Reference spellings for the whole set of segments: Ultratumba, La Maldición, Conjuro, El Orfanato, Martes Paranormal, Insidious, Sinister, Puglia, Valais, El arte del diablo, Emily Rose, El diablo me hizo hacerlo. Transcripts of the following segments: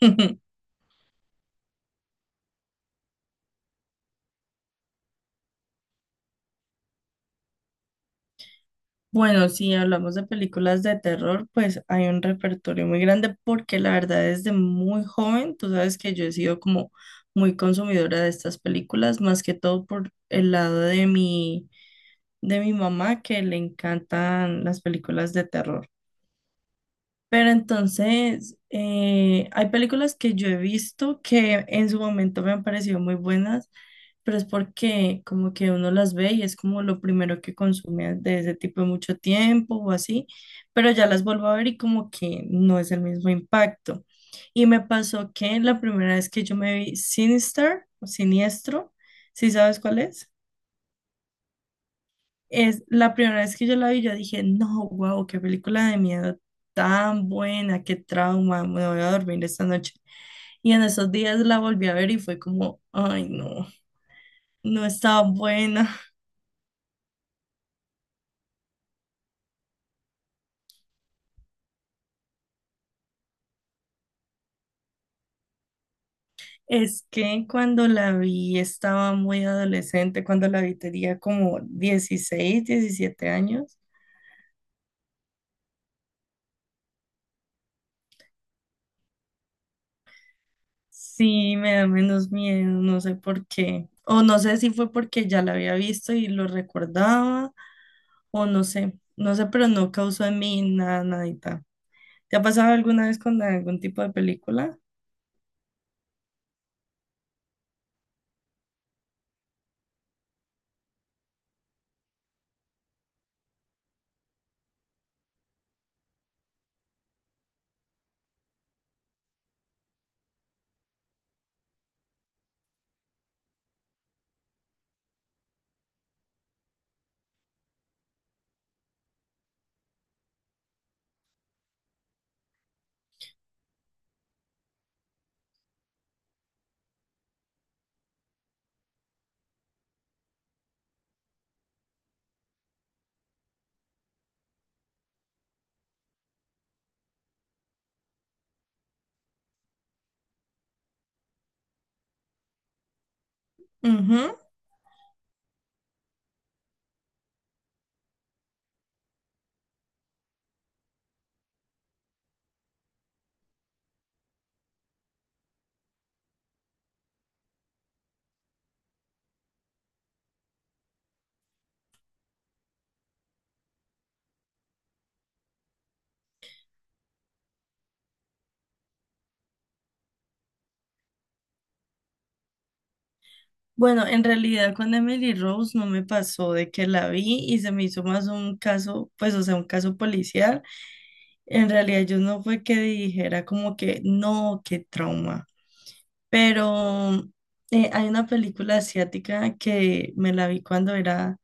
Bueno, si hablamos de películas de terror, pues hay un repertorio muy grande porque la verdad desde muy joven, tú sabes que yo he sido como muy consumidora de estas películas, más que todo por el lado de mi mamá que le encantan las películas de terror. Pero entonces, hay películas que yo he visto que en su momento me han parecido muy buenas, pero es porque como que uno las ve y es como lo primero que consume de ese tipo de mucho tiempo o así, pero ya las vuelvo a ver y como que no es el mismo impacto. Y me pasó que la primera vez que yo me vi Sinister o Siniestro, ¿sí sabes cuál es? Es la primera vez que yo la vi, yo dije, no, wow, qué película de miedo tan buena, qué trauma, me voy a dormir esta noche. Y en esos días la volví a ver y fue como, ay, no, no estaba buena. Es que cuando la vi estaba muy adolescente, cuando la vi tenía como 16 17 años. Sí, me da menos miedo, no sé por qué. O no sé si fue porque ya la había visto y lo recordaba o no sé, no sé, pero no causó en mí nada, nadita. ¿Te ha pasado alguna vez con algún tipo de película? Ujú. Bueno, en realidad con Emily Rose no me pasó de que la vi y se me hizo más un caso, pues o sea, un caso policial. En realidad yo no fue que dijera como que no, qué trauma. Pero hay una película asiática que me la vi cuando era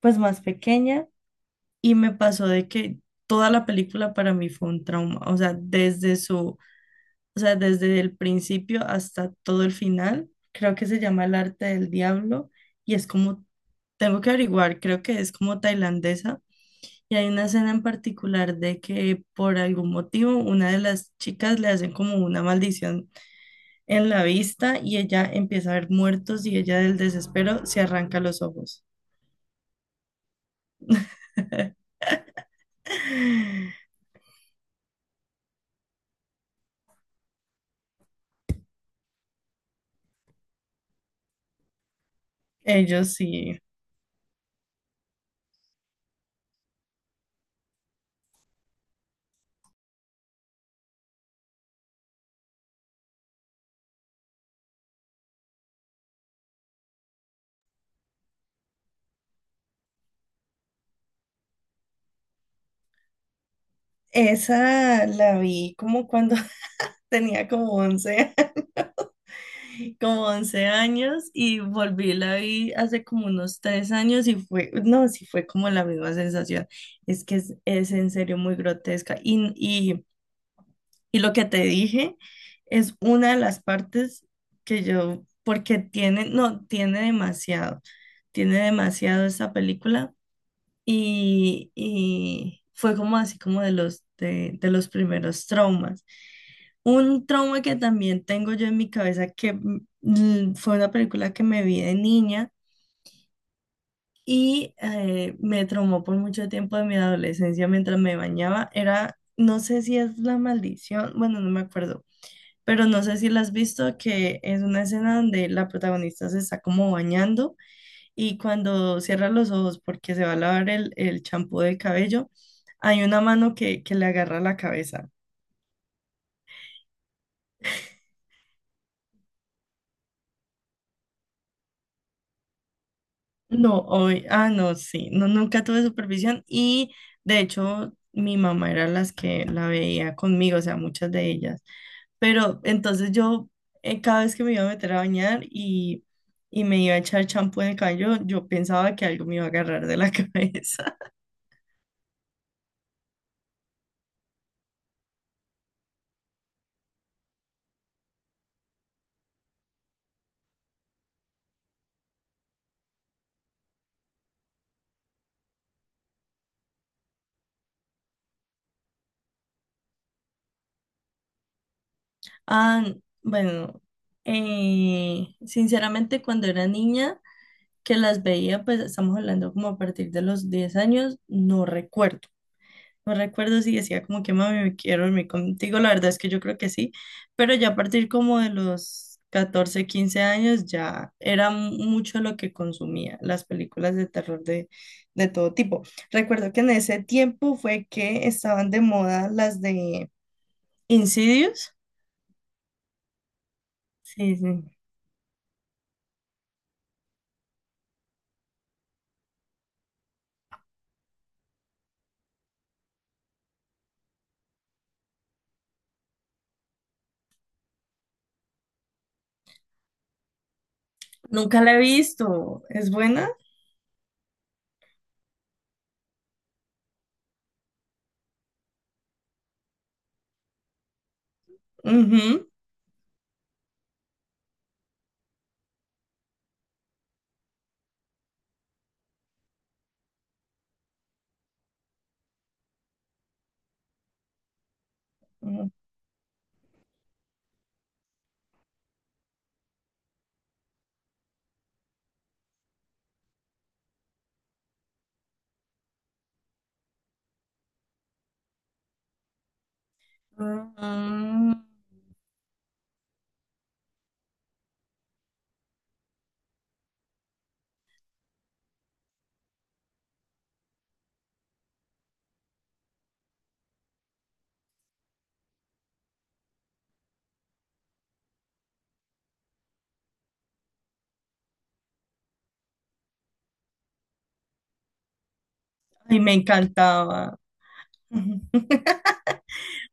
pues más pequeña. Y me pasó de que toda la película para mí fue un trauma, o sea, o sea, desde el principio hasta todo el final, creo que se llama El arte del diablo y es como, tengo que averiguar, creo que es como tailandesa, y hay una escena en particular de que por algún motivo una de las chicas le hacen como una maldición en la vista y ella empieza a ver muertos y ella del desespero se arranca los ojos. Ellos sí. Esa la vi como cuando tenía como 11 como 11 años y volví, la vi hace como unos 3 años y fue, no, sí fue como la misma sensación. Es que es en serio muy grotesca. Y lo que te dije es una de las partes que yo, porque tiene, no, tiene demasiado esta película y fue como así como de los primeros traumas. Un trauma que también tengo yo en mi cabeza, que fue una película que me vi de niña y me traumó por mucho tiempo de mi adolescencia mientras me bañaba, era, no sé si es La Maldición, bueno, no me acuerdo, pero no sé si la has visto, que es una escena donde la protagonista se está como bañando y cuando cierra los ojos porque se va a lavar el champú del cabello, hay una mano que le agarra la cabeza. No, hoy, no, sí, no, nunca tuve supervisión y de hecho mi mamá era las que la veía conmigo, o sea, muchas de ellas. Pero entonces yo cada vez que me iba a meter a bañar y me iba a echar champú en el cabello, yo pensaba que algo me iba a agarrar de la cabeza. Ah, bueno, sinceramente cuando era niña que las veía, pues estamos hablando como a partir de los 10 años, no recuerdo. No recuerdo si decía como que mami, me quiero dormir contigo, la verdad es que yo creo que sí, pero ya a partir como de los 14 15 años ya era mucho lo que consumía las películas de terror de todo tipo. Recuerdo que en ese tiempo fue que estaban de moda las de Insidious. Sí, sí. Nunca la he visto, ¿es buena? Ujú. Mm. Ay, me encantaba.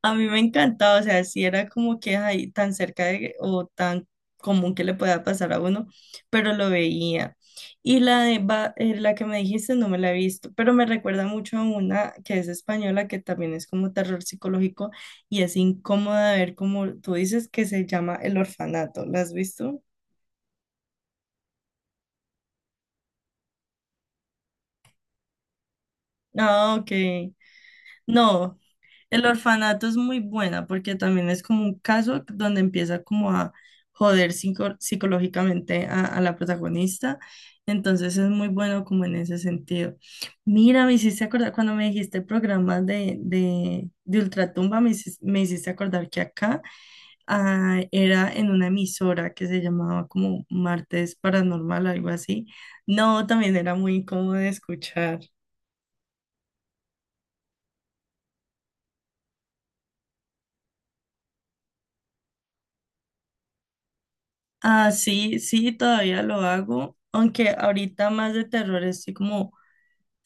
A mí me encantaba, o sea, sí era como que ahí tan cerca de, o tan común que le pueda pasar a uno, pero lo veía. La que me dijiste no me la he visto, pero me recuerda mucho a una que es española, que también es como terror psicológico y es incómoda de ver como tú dices que se llama El Orfanato. ¿La has visto? Ah, ok. No, El orfanato es muy buena porque también es como un caso donde empieza como a joder psicológicamente a la protagonista. Entonces es muy bueno como en ese sentido. Mira, me hiciste acordar, cuando me dijiste programas de Ultratumba, me hiciste acordar que acá era en una emisora que se llamaba como Martes Paranormal, algo así. No, también era muy incómodo de escuchar. Ah, sí, sí, todavía lo hago, aunque ahorita más de terror estoy como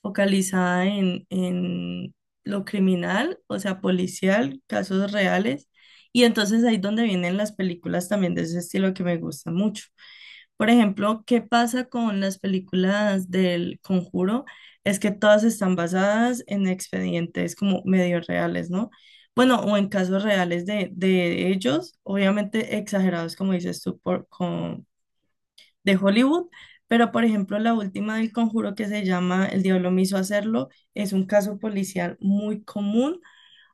focalizada en lo criminal, o sea, policial, casos reales. Y entonces ahí donde vienen las películas también de ese estilo que me gusta mucho. Por ejemplo, ¿qué pasa con las películas del Conjuro? Es que todas están basadas en expedientes como medio reales, ¿no? Bueno, o en casos reales de ellos, obviamente exagerados, como dices tú, de Hollywood, pero por ejemplo la última del Conjuro que se llama El diablo me hizo hacerlo es un caso policial muy común,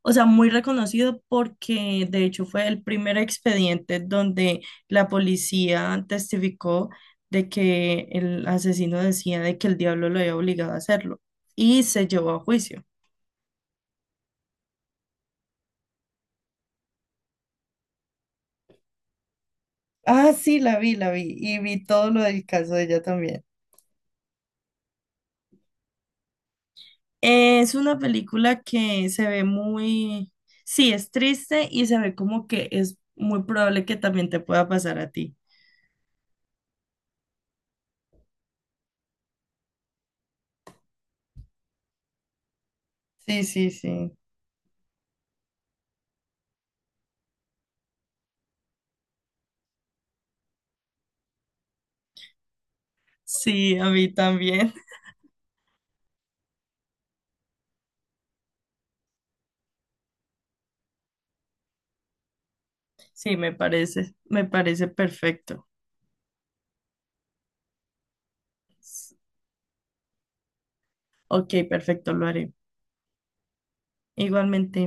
o sea, muy reconocido porque de hecho fue el primer expediente donde la policía testificó de que el asesino decía de que el diablo lo había obligado a hacerlo y se llevó a juicio. Ah, sí, la vi y vi todo lo del caso de ella también. Es una película que se ve muy, sí, es triste y se ve como que es muy probable que también te pueda pasar a ti. Sí, sí, sí. Sí, a mí también. Sí, me parece perfecto. Ok, perfecto, lo haré. Igualmente.